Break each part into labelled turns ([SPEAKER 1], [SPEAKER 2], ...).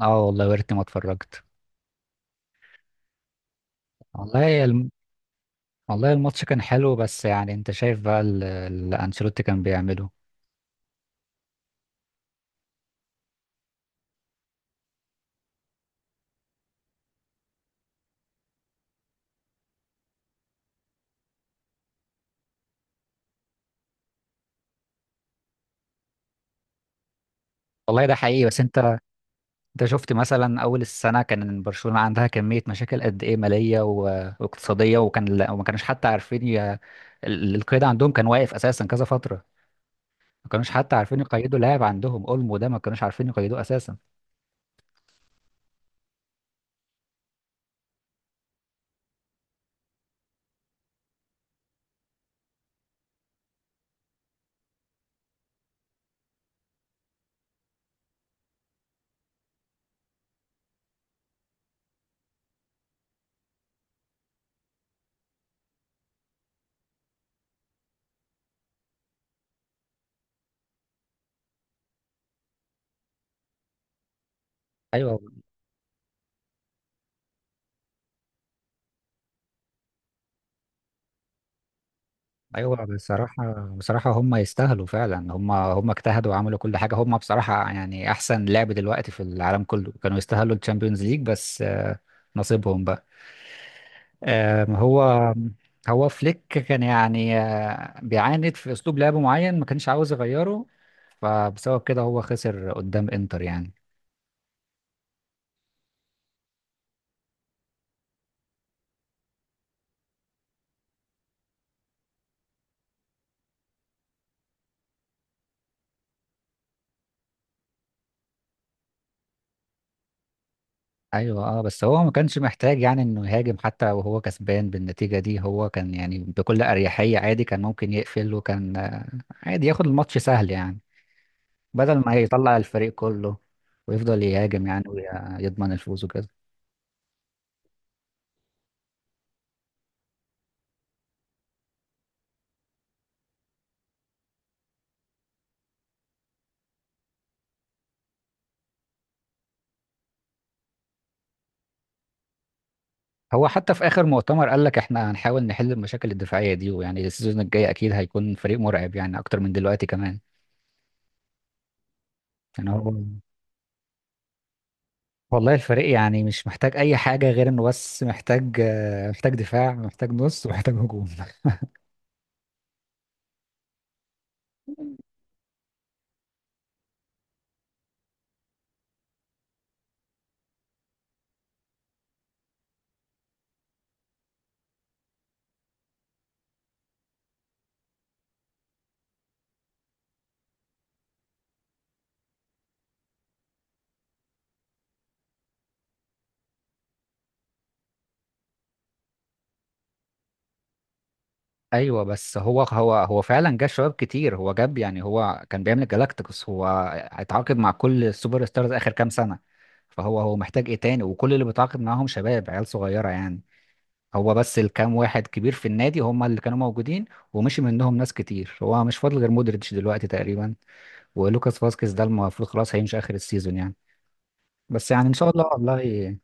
[SPEAKER 1] اه والله يا ريتني ما اتفرجت. والله الم... والله الماتش كان حلو، بس يعني انت شايف بقى اللي انشيلوتي كان بيعمله. والله ده حقيقي، بس انت شفت مثلا اول السنه كان برشلونه عندها كميه مشاكل قد ايه ماليه واقتصاديه، وكان وما كانوش حتى عارفين القيد عندهم كان واقف اساسا كذا فتره، ما كانوش حتى عارفين يقيدوا لاعب. عندهم اولمو ده ما كانوش عارفين يقيدوه اساسا. ايوه. ايوه، بصراحه، بصراحه هم يستاهلوا فعلا. هم اجتهدوا وعملوا كل حاجه، هم بصراحه يعني احسن لعب دلوقتي في العالم كله، كانوا يستاهلوا الشامبيونز ليج، بس نصيبهم بقى. هو هو فليك كان يعني بيعاند في اسلوب لعب معين، ما كانش عاوز يغيره، فبسبب كده هو خسر قدام انتر يعني. ايوه، اه، بس هو ما كانش محتاج يعني انه يهاجم حتى وهو كسبان بالنتيجة دي. هو كان يعني بكل اريحية عادي كان ممكن يقفل، وكان عادي ياخد الماتش سهل يعني، بدل ما يطلع الفريق كله ويفضل يهاجم يعني، ويضمن الفوز وكده. هو حتى في اخر مؤتمر قال لك احنا هنحاول نحل المشاكل الدفاعية دي، ويعني السيزون الجاي اكيد هيكون فريق مرعب يعني اكتر من دلوقتي كمان. يعني هو والله الفريق يعني مش محتاج اي حاجة، غير انه بس محتاج محتاج دفاع، محتاج نص، ومحتاج هجوم. ايوه، بس هو فعلا جاب شباب كتير. هو جاب يعني هو كان بيعمل جالاكتيكوس، هو اتعاقد مع كل السوبر ستارز اخر كام سنه، فهو هو محتاج ايه تاني؟ وكل اللي بيتعاقد معاهم شباب عيال صغيره يعني. هو بس الكام واحد كبير في النادي هم اللي كانوا موجودين، ومشي منهم ناس كتير. هو مش فاضل غير مودريتش دلوقتي تقريبا ولوكاس فاسكيز، ده المفروض خلاص هيمشي اخر السيزون يعني. بس يعني ان شاء الله والله.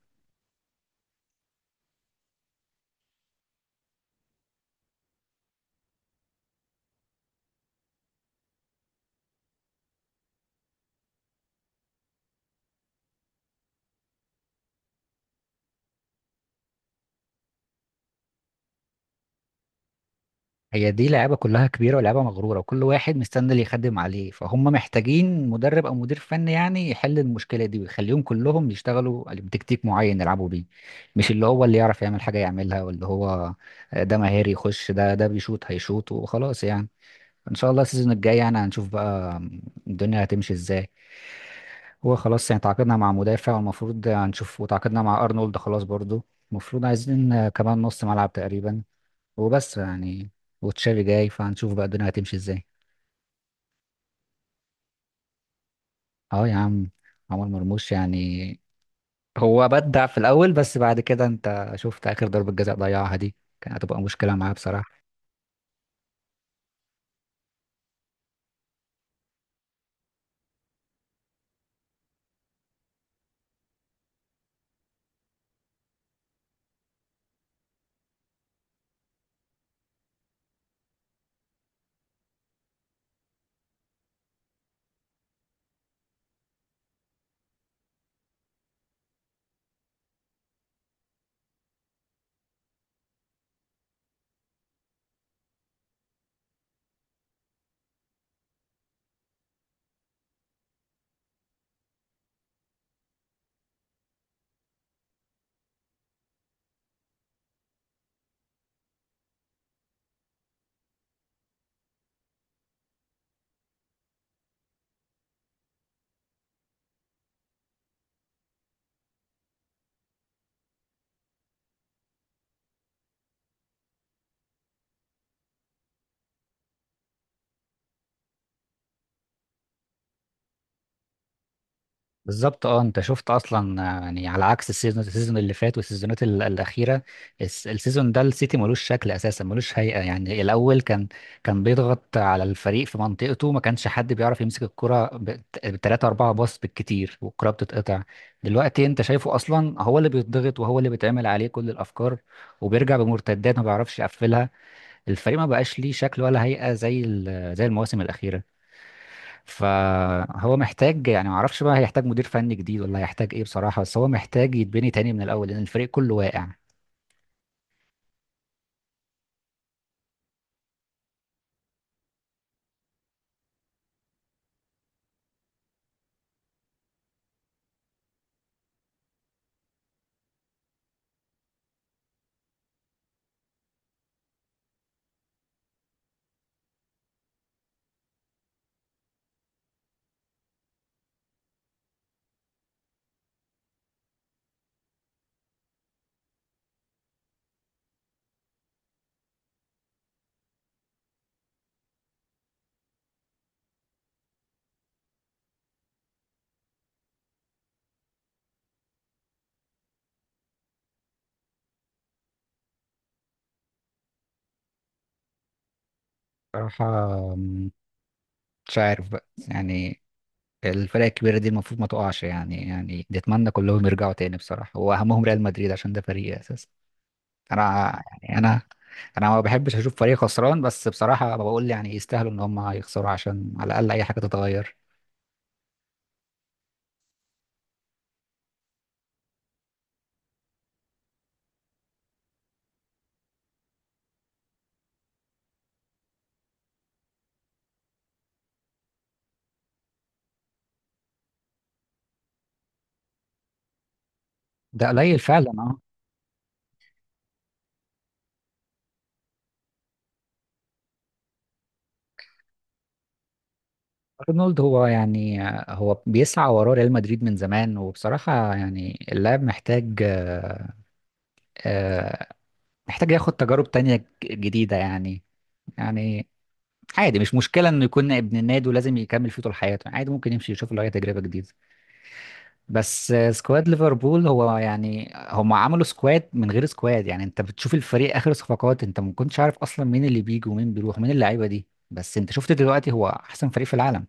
[SPEAKER 1] هي دي لعيبه كلها كبيره ولعيبه مغروره، وكل واحد مستني اللي يخدم عليه، فهم محتاجين مدرب او مدير فني يعني يحل المشكله دي، ويخليهم كلهم يشتغلوا بتكتيك معين يلعبوا بيه. مش اللي هو اللي يعرف يعمل حاجه يعملها، واللي هو ده مهاري يخش، ده بيشوط هيشوط وخلاص يعني. ان شاء الله السيزون الجاي يعني هنشوف بقى الدنيا هتمشي ازاي. هو خلاص يعني تعاقدنا مع مدافع والمفروض هنشوف، وتعاقدنا مع ارنولد خلاص برضو. المفروض عايزين كمان نص ملعب تقريبا وبس يعني، وتشافي جاي، فهنشوف بقى الدنيا هتمشي ازاي. اه يا عم، عمر مرموش يعني هو بدع في الاول، بس بعد كده انت شفت اخر ضربة جزاء ضيعها دي، كان هتبقى مشكلة معاه بصراحة. بالظبط، اه، انت شفت اصلا يعني على عكس السيزون، السيزون اللي فات والسيزونات الاخيره، السيزون ده السيتي ملوش شكل اساسا، ملوش هيئه يعني. الاول كان كان بيضغط على الفريق في منطقته، ما كانش حد بيعرف يمسك الكره بثلاثة أربعة باص بالكتير والكره بتتقطع. دلوقتي انت شايفه اصلا هو اللي بيتضغط، وهو اللي بيتعمل عليه كل الافكار، وبيرجع بمرتدات ما بيعرفش يقفلها. الفريق ما بقاش ليه شكل ولا هيئه زي زي المواسم الاخيره. فهو محتاج يعني ما اعرفش بقى هيحتاج مدير فني جديد ولا هيحتاج ايه بصراحة، بس هو محتاج يتبني تاني من الاول، لان الفريق كله واقع. بصراحة، مش عارف بقى يعني، الفرق الكبيرة دي المفروض ما تقعش يعني، يعني نتمنى كلهم يرجعوا تاني بصراحة، واهمهم ريال مدريد عشان ده فريقي اساسا. انا يعني انا ما بحبش اشوف فريق خسران، بس بصراحة بقول يعني يستاهلوا ان هم يخسروا عشان على الاقل اي حاجة تتغير. ده قليل فعلا، أه. ارنولد هو يعني هو بيسعى وراه ريال مدريد من زمان، وبصراحة يعني اللاعب محتاج آه، محتاج ياخد تجارب تانية جديدة يعني. يعني عادي مش مشكلة انه يكون ابن النادي ولازم يكمل فيه طول حياته، عادي ممكن يمشي يشوف له اي تجربة جديدة. بس سكواد ليفربول هو يعني هم عملوا سكواد من غير سكواد يعني، انت بتشوف الفريق اخر صفقات انت ما كنتش عارف اصلا مين اللي بيجي ومين بيروح مين اللعيبة دي، بس انت شفت دلوقتي هو احسن فريق في العالم.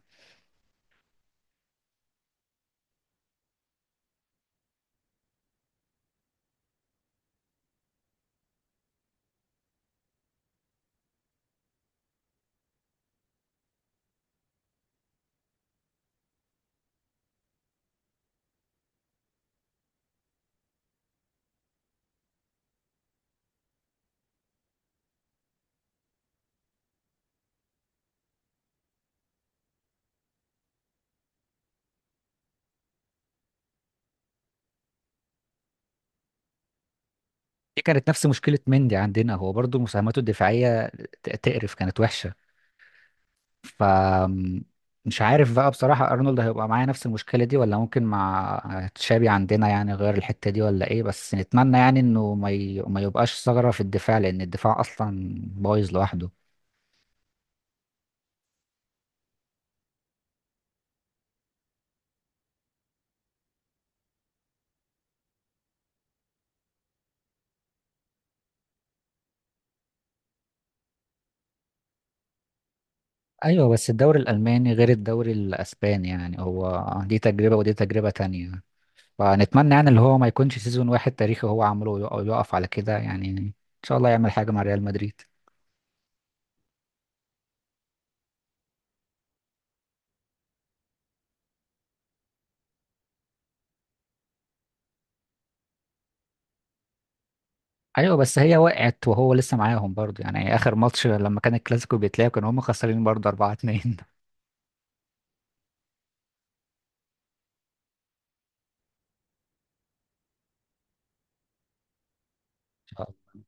[SPEAKER 1] دي كانت نفس مشكلة مندي عندنا، هو برضو مساهماته الدفاعية تقرف، كانت وحشة. ف مش عارف بقى بصراحة أرنولد هيبقى معايا نفس المشكلة دي، ولا ممكن مع تشابي عندنا يعني غير الحتة دي ولا إيه، بس نتمنى يعني إنه ما يبقاش ثغرة في الدفاع، لأن الدفاع أصلا بايظ لوحده. أيوه، بس الدوري الألماني غير الدوري الأسباني يعني، هو دي تجربة ودي تجربة تانية، فنتمنى يعني اللي هو ما يكونش سيزون واحد تاريخي هو عمله يقف على كده يعني، إن شاء الله يعمل حاجة مع ريال مدريد. ايوه بس هي وقعت وهو لسه معاهم برضه يعني، اخر ماتش لما كان الكلاسيكو بيتلعب كانوا هم خسرانين برضه 4-2. ان شاء الله.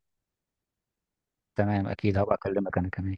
[SPEAKER 1] تمام، اكيد هبقى اكلمك انا كمان.